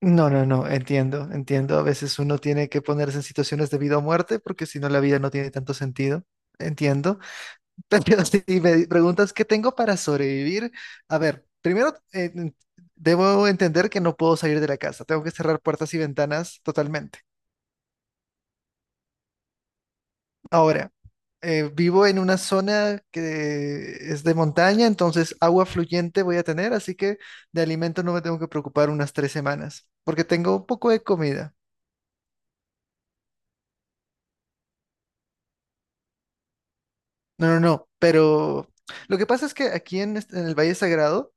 No, no, no, entiendo, entiendo. A veces uno tiene que ponerse en situaciones de vida o muerte porque si no la vida no tiene tanto sentido. Entiendo. Pero si me preguntas qué tengo para sobrevivir, a ver, primero debo entender que no puedo salir de la casa. Tengo que cerrar puertas y ventanas totalmente. Ahora, vivo en una zona que es de montaña, entonces agua fluyente voy a tener, así que de alimento no me tengo que preocupar unas 3 semanas porque tengo un poco de comida. No, no, no, pero lo que pasa es que en el Valle Sagrado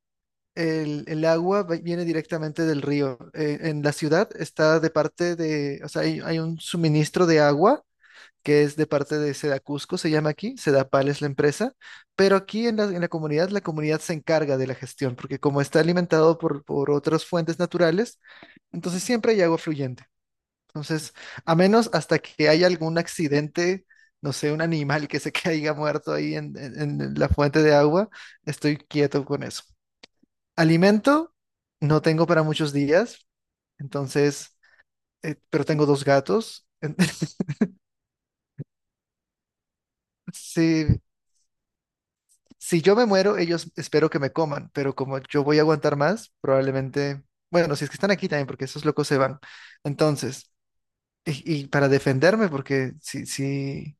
el viene directamente del río. En la ciudad está de parte de, o sea, hay un suministro de agua que es de parte de Sedacusco, se llama aquí, Sedapal es la empresa, pero aquí en en la comunidad se encarga de la gestión, porque como está alimentado por otras fuentes naturales, entonces siempre hay agua fluyente. Entonces, a menos hasta que haya algún accidente, no sé, un animal que se caiga muerto en la fuente de agua, estoy quieto con eso. Alimento, no tengo para muchos días, entonces, pero tengo dos gatos. Si, si yo me muero, ellos espero que me coman, pero como yo voy a aguantar más, probablemente, bueno, si es que están aquí también, porque esos locos se van. Entonces, y para defenderme, porque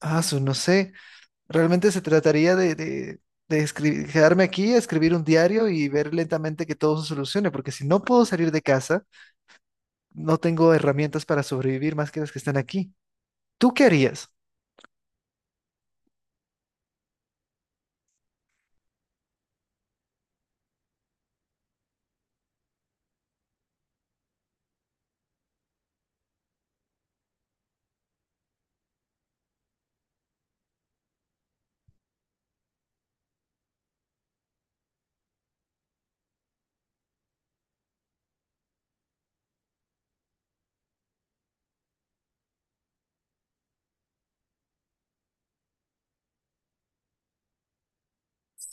no sé. Realmente se trataría quedarme aquí, escribir un diario y ver lentamente que todo se solucione, porque si no puedo salir de casa, no tengo herramientas para sobrevivir más que las que están aquí. ¿Tú qué harías?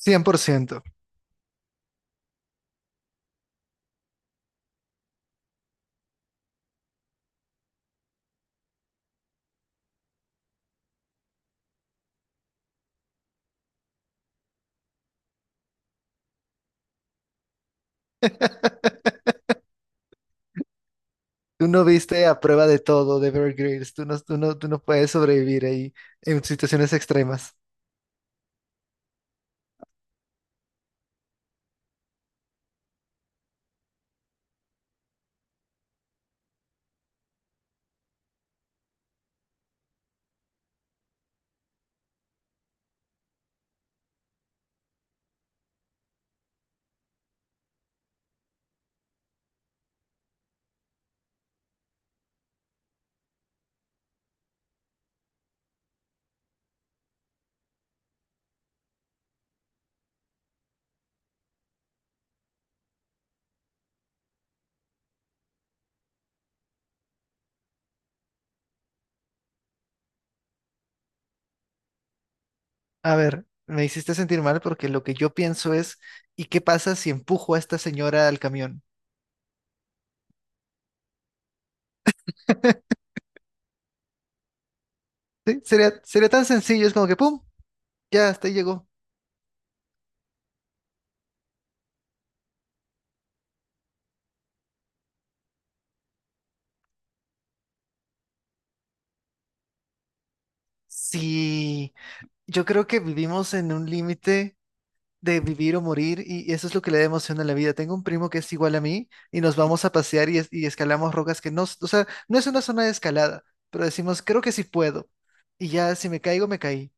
Cien por ciento. Tú no viste A prueba de todo de Bear Grylls. Tú no puedes sobrevivir ahí en situaciones extremas. A ver, me hiciste sentir mal porque lo que yo pienso es, ¿y qué pasa si empujo a esta señora al camión? Sí, sería tan sencillo, es como que, ¡pum! Ya, hasta ahí llegó. Sí, yo creo que vivimos en un límite de vivir o morir y eso es lo que le da emoción a la vida. Tengo un primo que es igual a mí y nos vamos a pasear y, y escalamos rocas que no, s- o sea, no es una zona de escalada, pero decimos, creo que sí puedo. Y ya si me caigo, me caí.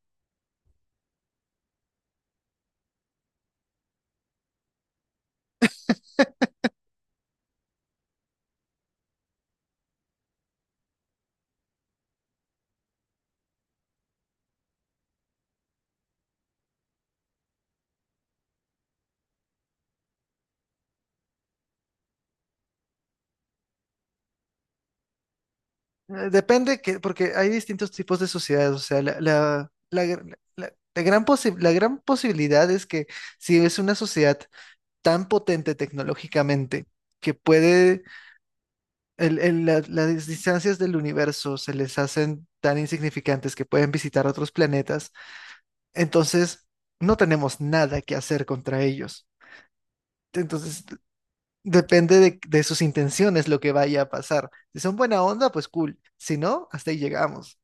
Depende que, porque hay distintos tipos de sociedades, o sea, la la gran posibilidad es que si es una sociedad tan potente tecnológicamente, que puede las distancias del universo se les hacen tan insignificantes que pueden visitar otros planetas, entonces no tenemos nada que hacer contra ellos. Entonces depende de sus intenciones lo que vaya a pasar. Si son buena onda, pues cool. Si no, hasta ahí llegamos.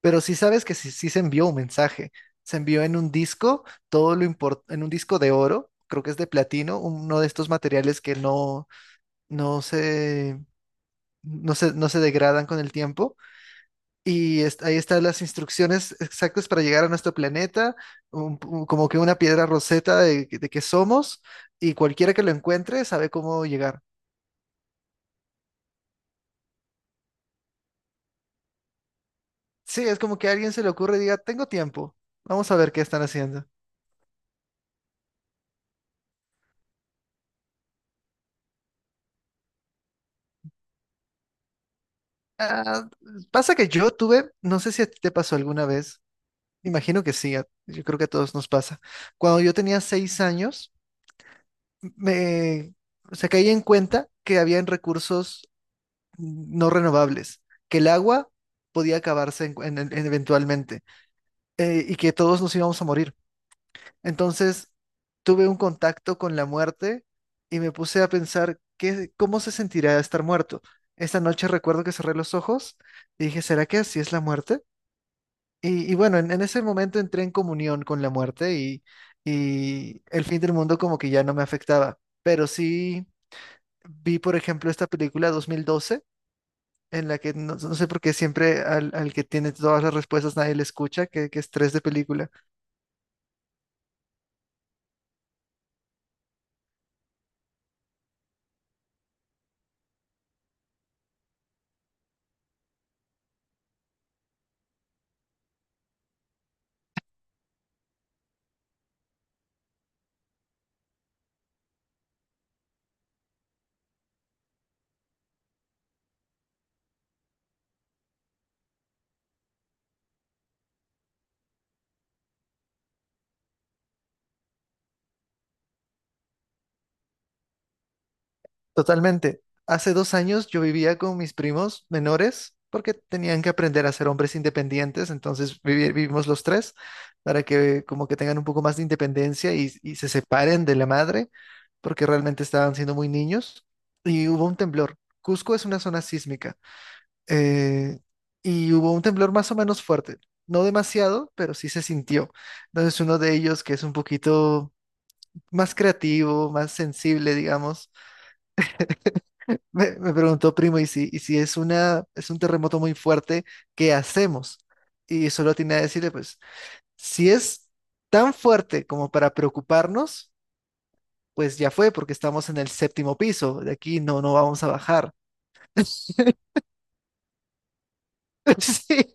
Pero sí sabes que sí, sí se envió un mensaje. Se envió en un disco, en un disco de oro, creo que es de platino, uno de estos materiales que no se, no se degradan con el tiempo. Ahí están las instrucciones exactas para llegar a nuestro planeta, como que una piedra roseta de que somos, y cualquiera que lo encuentre sabe cómo llegar. Sí, es como que a alguien se le ocurre y diga, tengo tiempo, vamos a ver qué están haciendo. Ah, pasa que yo tuve, no sé si a ti te pasó alguna vez, imagino que sí, yo creo que a todos nos pasa. Cuando yo tenía 6 años, me, o sea, caí en cuenta que habían recursos no renovables, que el agua podía acabarse eventualmente y que todos nos íbamos a morir. Entonces tuve un contacto con la muerte y me puse a pensar qué, cómo se sentirá estar muerto. Esta noche recuerdo que cerré los ojos y dije, ¿será que así es la muerte? Y bueno, en ese momento entré en comunión con la muerte y el fin del mundo como que ya no me afectaba. Pero sí vi, por ejemplo, esta película 2012, en la que no, no sé por qué siempre al, al que tiene todas las respuestas nadie le escucha, que estrés de película. Totalmente. Hace 2 años yo vivía con mis primos menores porque tenían que aprender a ser hombres independientes, entonces vivimos los tres para que como que tengan un poco más de independencia y se separen de la madre porque realmente estaban siendo muy niños y hubo un temblor. Cusco es una zona sísmica. eh, y hubo un temblor más o menos fuerte, no demasiado, pero sí se sintió. Entonces uno de ellos, que es un poquito más creativo, más sensible, digamos, me preguntó, primo, ¿ y si es una, es un terremoto muy fuerte, ¿qué hacemos? Y solo tenía a decirle, pues, si es tan fuerte como para preocuparnos, pues ya fue, porque estamos en el séptimo piso, de aquí no vamos a bajar. Sí.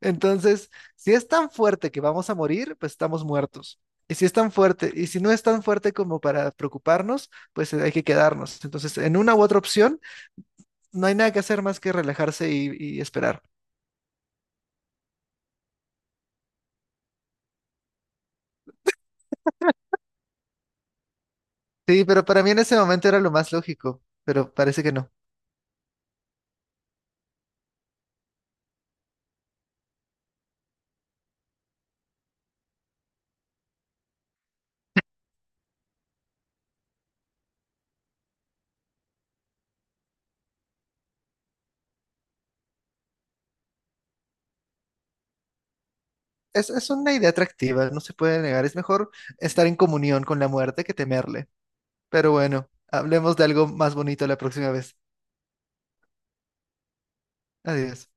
Entonces, si es tan fuerte que vamos a morir, pues estamos muertos. Y si es tan fuerte, y si no es tan fuerte como para preocuparnos, pues hay que quedarnos. Entonces, en una u otra opción, no hay nada que hacer más que relajarse y esperar. Sí, pero para mí en ese momento era lo más lógico, pero parece que no. Es una idea atractiva, no se puede negar. Es mejor estar en comunión con la muerte que temerle. Pero bueno, hablemos de algo más bonito la próxima vez. Adiós.